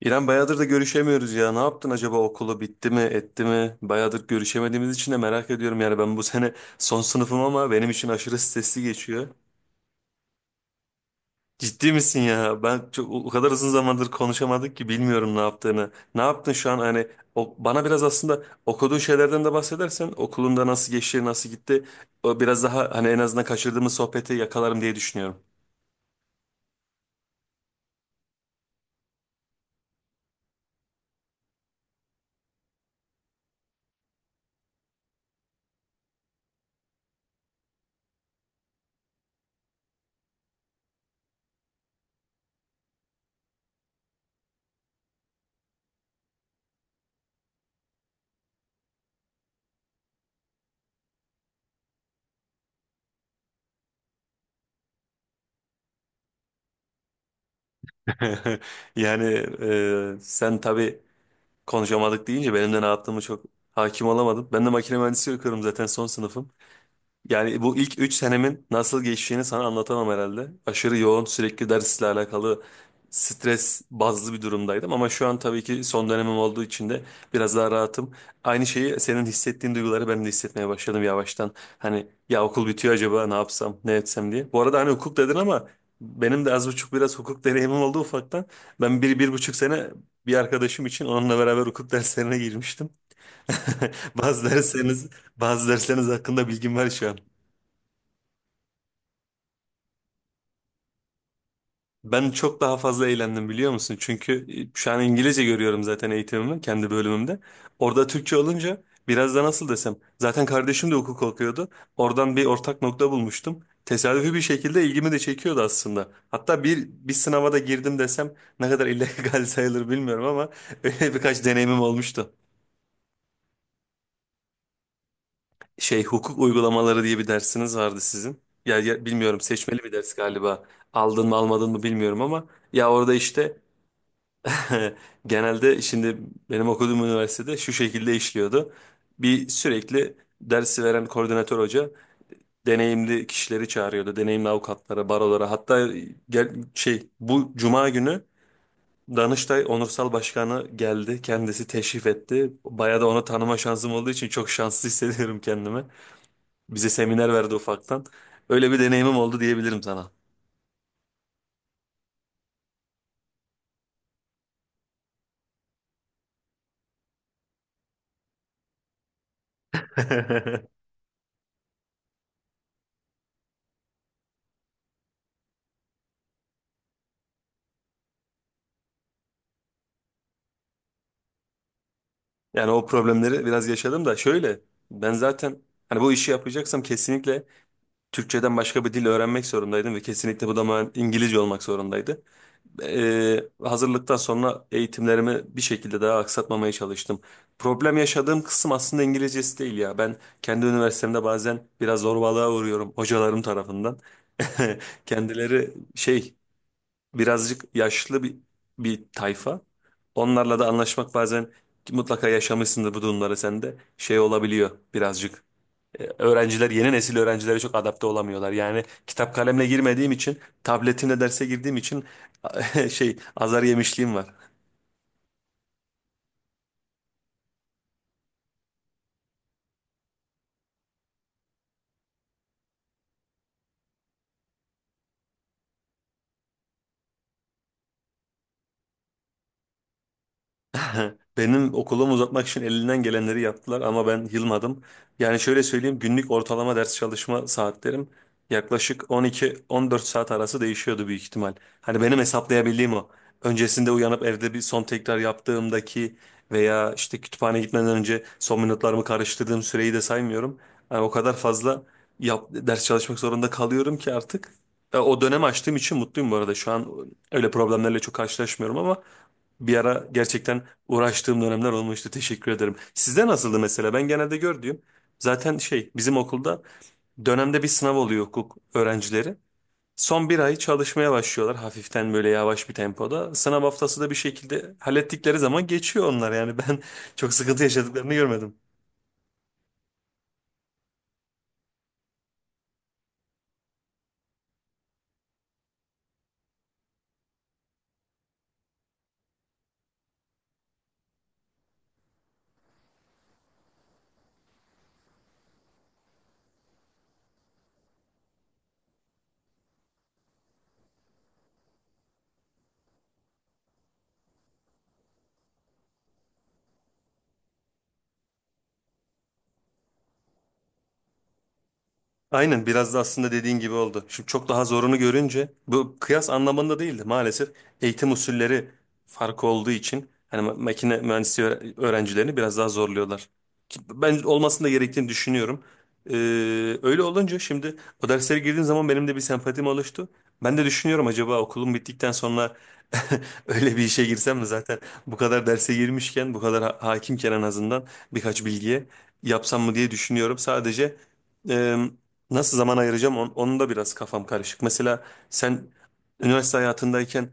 İrem bayağıdır da görüşemiyoruz ya. Ne yaptın acaba okulu bitti mi etti mi? Bayağıdır görüşemediğimiz için de merak ediyorum yani ben bu sene son sınıfım ama benim için aşırı stresli geçiyor. Ciddi misin ya? Ben çok o kadar uzun zamandır konuşamadık ki bilmiyorum ne yaptığını. Ne yaptın şu an hani o, bana biraz aslında okuduğun şeylerden de bahsedersen okulunda nasıl geçti nasıl gitti, o biraz daha hani en azından kaçırdığımız sohbeti yakalarım diye düşünüyorum. Yani sen tabii. Konuşamadık deyince benim de ne yaptığımı çok hakim olamadım. Ben de makine mühendisliği okuyorum zaten son sınıfım. Yani bu ilk 3 senemin nasıl geçtiğini sana anlatamam herhalde. Aşırı yoğun sürekli dersle alakalı stres bazlı bir durumdaydım. Ama şu an tabii ki son dönemim olduğu için de biraz daha rahatım. Aynı şeyi senin hissettiğin duyguları ben de hissetmeye başladım yavaştan. Hani ya okul bitiyor acaba ne yapsam ne etsem diye. Bu arada hani hukuk dedin ama benim de az buçuk biraz hukuk deneyimim oldu ufaktan. Ben bir, bir buçuk sene bir arkadaşım için onunla beraber hukuk derslerine girmiştim. Bazı dersleriniz, bazı dersleriniz hakkında bilgim var şu an. Ben çok daha fazla eğlendim biliyor musun? Çünkü şu an İngilizce görüyorum zaten eğitimimi kendi bölümümde. Orada Türkçe olunca biraz da nasıl desem. Zaten kardeşim de hukuk okuyordu. Oradan bir ortak nokta bulmuştum. Tesadüfi bir şekilde ilgimi de çekiyordu aslında. Hatta bir sınava da girdim desem ne kadar illegal sayılır bilmiyorum ama öyle birkaç deneyimim olmuştu. Şey hukuk uygulamaları diye bir dersiniz vardı sizin. Ya, bilmiyorum, seçmeli bir ders galiba. Aldın mı almadın mı bilmiyorum ama ya orada işte. Genelde şimdi benim okuduğum üniversitede şu şekilde işliyordu. Bir sürekli dersi veren koordinatör hoca deneyimli kişileri çağırıyordu. Deneyimli avukatlara, barolara hatta gel, şey, bu cuma günü Danıştay Onursal Başkanı geldi. Kendisi teşrif etti. Bayağı da onu tanıma şansım olduğu için çok şanslı hissediyorum kendimi. Bize seminer verdi ufaktan. Öyle bir deneyimim oldu diyebilirim sana. Yani o problemleri biraz yaşadım da, şöyle, ben zaten hani bu işi yapacaksam kesinlikle Türkçeden başka bir dil öğrenmek zorundaydım ve kesinlikle bu da İngilizce olmak zorundaydı. Hazırlıktan sonra eğitimlerimi bir şekilde daha aksatmamaya çalıştım. Problem yaşadığım kısım aslında İngilizcesi değil ya. Ben kendi üniversitemde bazen biraz zorbalığa uğruyorum hocalarım tarafından. Kendileri şey birazcık yaşlı bir tayfa. Onlarla da anlaşmak bazen, ki mutlaka yaşamışsındır bu durumları sen de, şey olabiliyor birazcık. Öğrenciler, yeni nesil öğrencilere çok adapte olamıyorlar. Yani kitap kalemle girmediğim için, tabletimle derse girdiğim için şey, azar yemişliğim var. Benim okulumu uzatmak için elinden gelenleri yaptılar ama ben yılmadım. Yani şöyle söyleyeyim, günlük ortalama ders çalışma saatlerim yaklaşık 12-14 saat arası değişiyordu büyük ihtimal. Hani benim hesaplayabildiğim o. Öncesinde uyanıp evde bir son tekrar yaptığımdaki veya işte kütüphane gitmeden önce son minutlarımı karıştırdığım süreyi de saymıyorum. Yani o kadar fazla ders çalışmak zorunda kalıyorum ki artık. O dönemi açtığım için mutluyum bu arada. Şu an öyle problemlerle çok karşılaşmıyorum ama bir ara gerçekten uğraştığım dönemler olmuştu. Teşekkür ederim. Sizde nasıldı mesela? Ben genelde gördüğüm, zaten şey, bizim okulda dönemde bir sınav oluyor hukuk öğrencileri. Son bir ay çalışmaya başlıyorlar hafiften, böyle yavaş bir tempoda. Sınav haftası da bir şekilde hallettikleri zaman geçiyor onlar, yani ben çok sıkıntı yaşadıklarını görmedim. Aynen, biraz da aslında dediğin gibi oldu. Şimdi çok daha zorunu görünce, bu kıyas anlamında değildi maalesef, eğitim usulleri farkı olduğu için hani makine mühendisliği öğrencilerini biraz daha zorluyorlar. Ben olmasını da gerektiğini düşünüyorum. Ee, öyle olunca şimdi o derslere girdiğim zaman benim de bir sempatim oluştu. Ben de düşünüyorum acaba okulum bittikten sonra öyle bir işe girsem mi, zaten bu kadar derse girmişken, bu kadar hakimken, en azından birkaç bilgiye yapsam mı diye düşünüyorum. Sadece e, nasıl zaman ayıracağım, onun da biraz kafam karışık. Mesela sen üniversite hayatındayken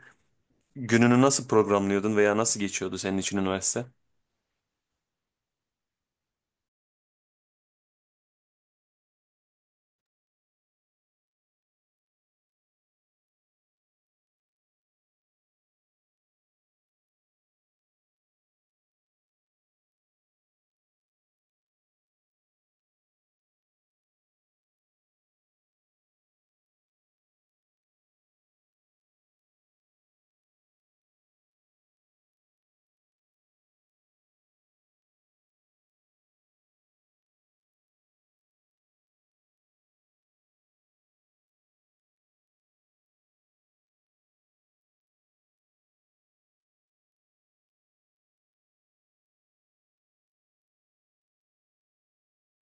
gününü nasıl programlıyordun veya nasıl geçiyordu senin için üniversite?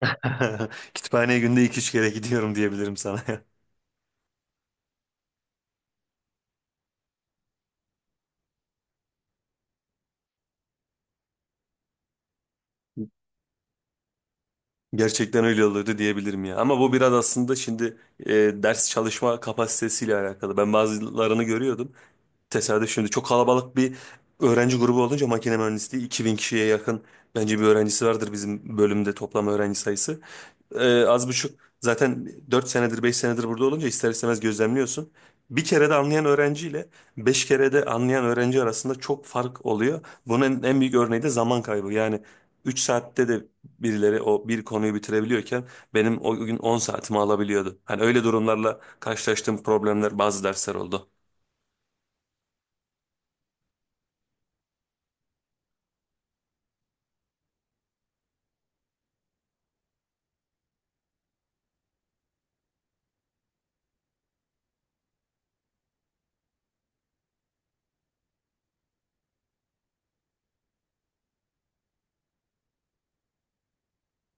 Kütüphaneye günde iki üç kere gidiyorum diyebilirim sana. Gerçekten öyle oluyordu diyebilirim ya. Ama bu biraz aslında şimdi e, ders çalışma kapasitesiyle alakalı. Ben bazılarını görüyordum. Tesadüf, şimdi çok kalabalık bir öğrenci grubu olunca, makine mühendisliği 2.000 kişiye yakın bence bir öğrencisi vardır bizim bölümde toplam öğrenci sayısı. Az buçuk zaten 4 senedir 5 senedir burada olunca ister istemez gözlemliyorsun. Bir kere de anlayan öğrenciyle 5 kere de anlayan öğrenci arasında çok fark oluyor. Bunun en büyük örneği de zaman kaybı. Yani 3 saatte de birileri o bir konuyu bitirebiliyorken benim o gün 10 saatimi alabiliyordu. Hani öyle durumlarla karşılaştığım problemler bazı dersler oldu.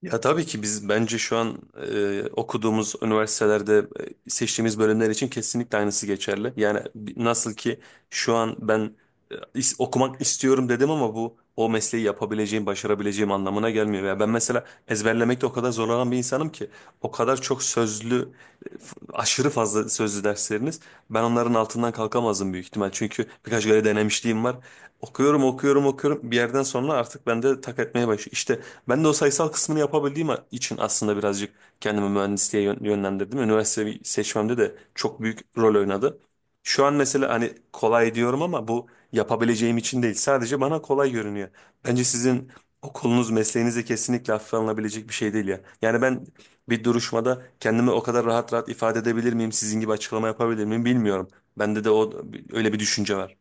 Ya tabii ki, biz bence şu an okuduğumuz üniversitelerde, seçtiğimiz bölümler için kesinlikle aynısı geçerli. Yani nasıl ki şu an ben okumak istiyorum dedim ama bu o mesleği yapabileceğim, başarabileceğim anlamına gelmiyor. Ya ben mesela ezberlemekte o kadar zorlanan bir insanım ki, o kadar çok sözlü, aşırı fazla sözlü dersleriniz, ben onların altından kalkamazdım büyük ihtimal. Çünkü birkaç kere denemişliğim var. Okuyorum, okuyorum, okuyorum. Bir yerden sonra artık bende tak etmeye başlıyor. İşte ben de o sayısal kısmını yapabildiğim için aslında birazcık kendimi mühendisliğe yönlendirdim. Üniversite seçmemde de çok büyük rol oynadı. Şu an mesela hani kolay diyorum ama bu yapabileceğim için değil. Sadece bana kolay görünüyor. Bence sizin okulunuz, mesleğiniz de kesinlikle hafife alınabilecek bir şey değil ya. Yani ben bir duruşmada kendimi o kadar rahat rahat ifade edebilir miyim, sizin gibi açıklama yapabilir miyim bilmiyorum. Bende de o, öyle bir düşünce var.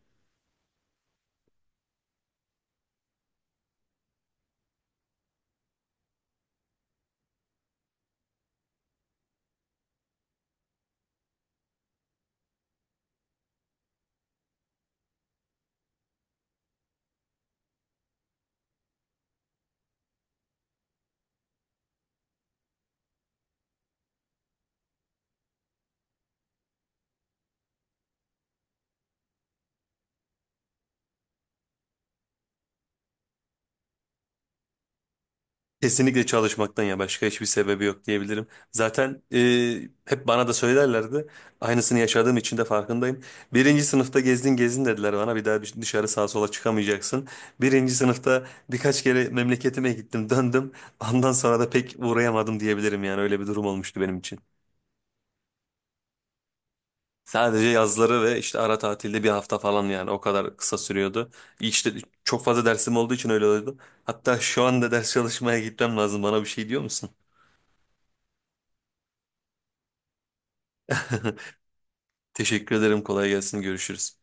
Kesinlikle çalışmaktan, ya başka hiçbir sebebi yok diyebilirim. Zaten hep bana da söylerlerdi. Aynısını yaşadığım için de farkındayım. Birinci sınıfta gezdin gezdin dediler bana. Bir daha dışarı sağa sola çıkamayacaksın. Birinci sınıfta birkaç kere memleketime gittim döndüm. Ondan sonra da pek uğrayamadım diyebilirim, yani öyle bir durum olmuştu benim için. Sadece yazları ve işte ara tatilde bir hafta falan, yani o kadar kısa sürüyordu. İşte çok fazla dersim olduğu için öyle oldu. Hatta şu anda ders çalışmaya gitmem lazım, bana bir şey diyor musun? Teşekkür ederim. Kolay gelsin. Görüşürüz.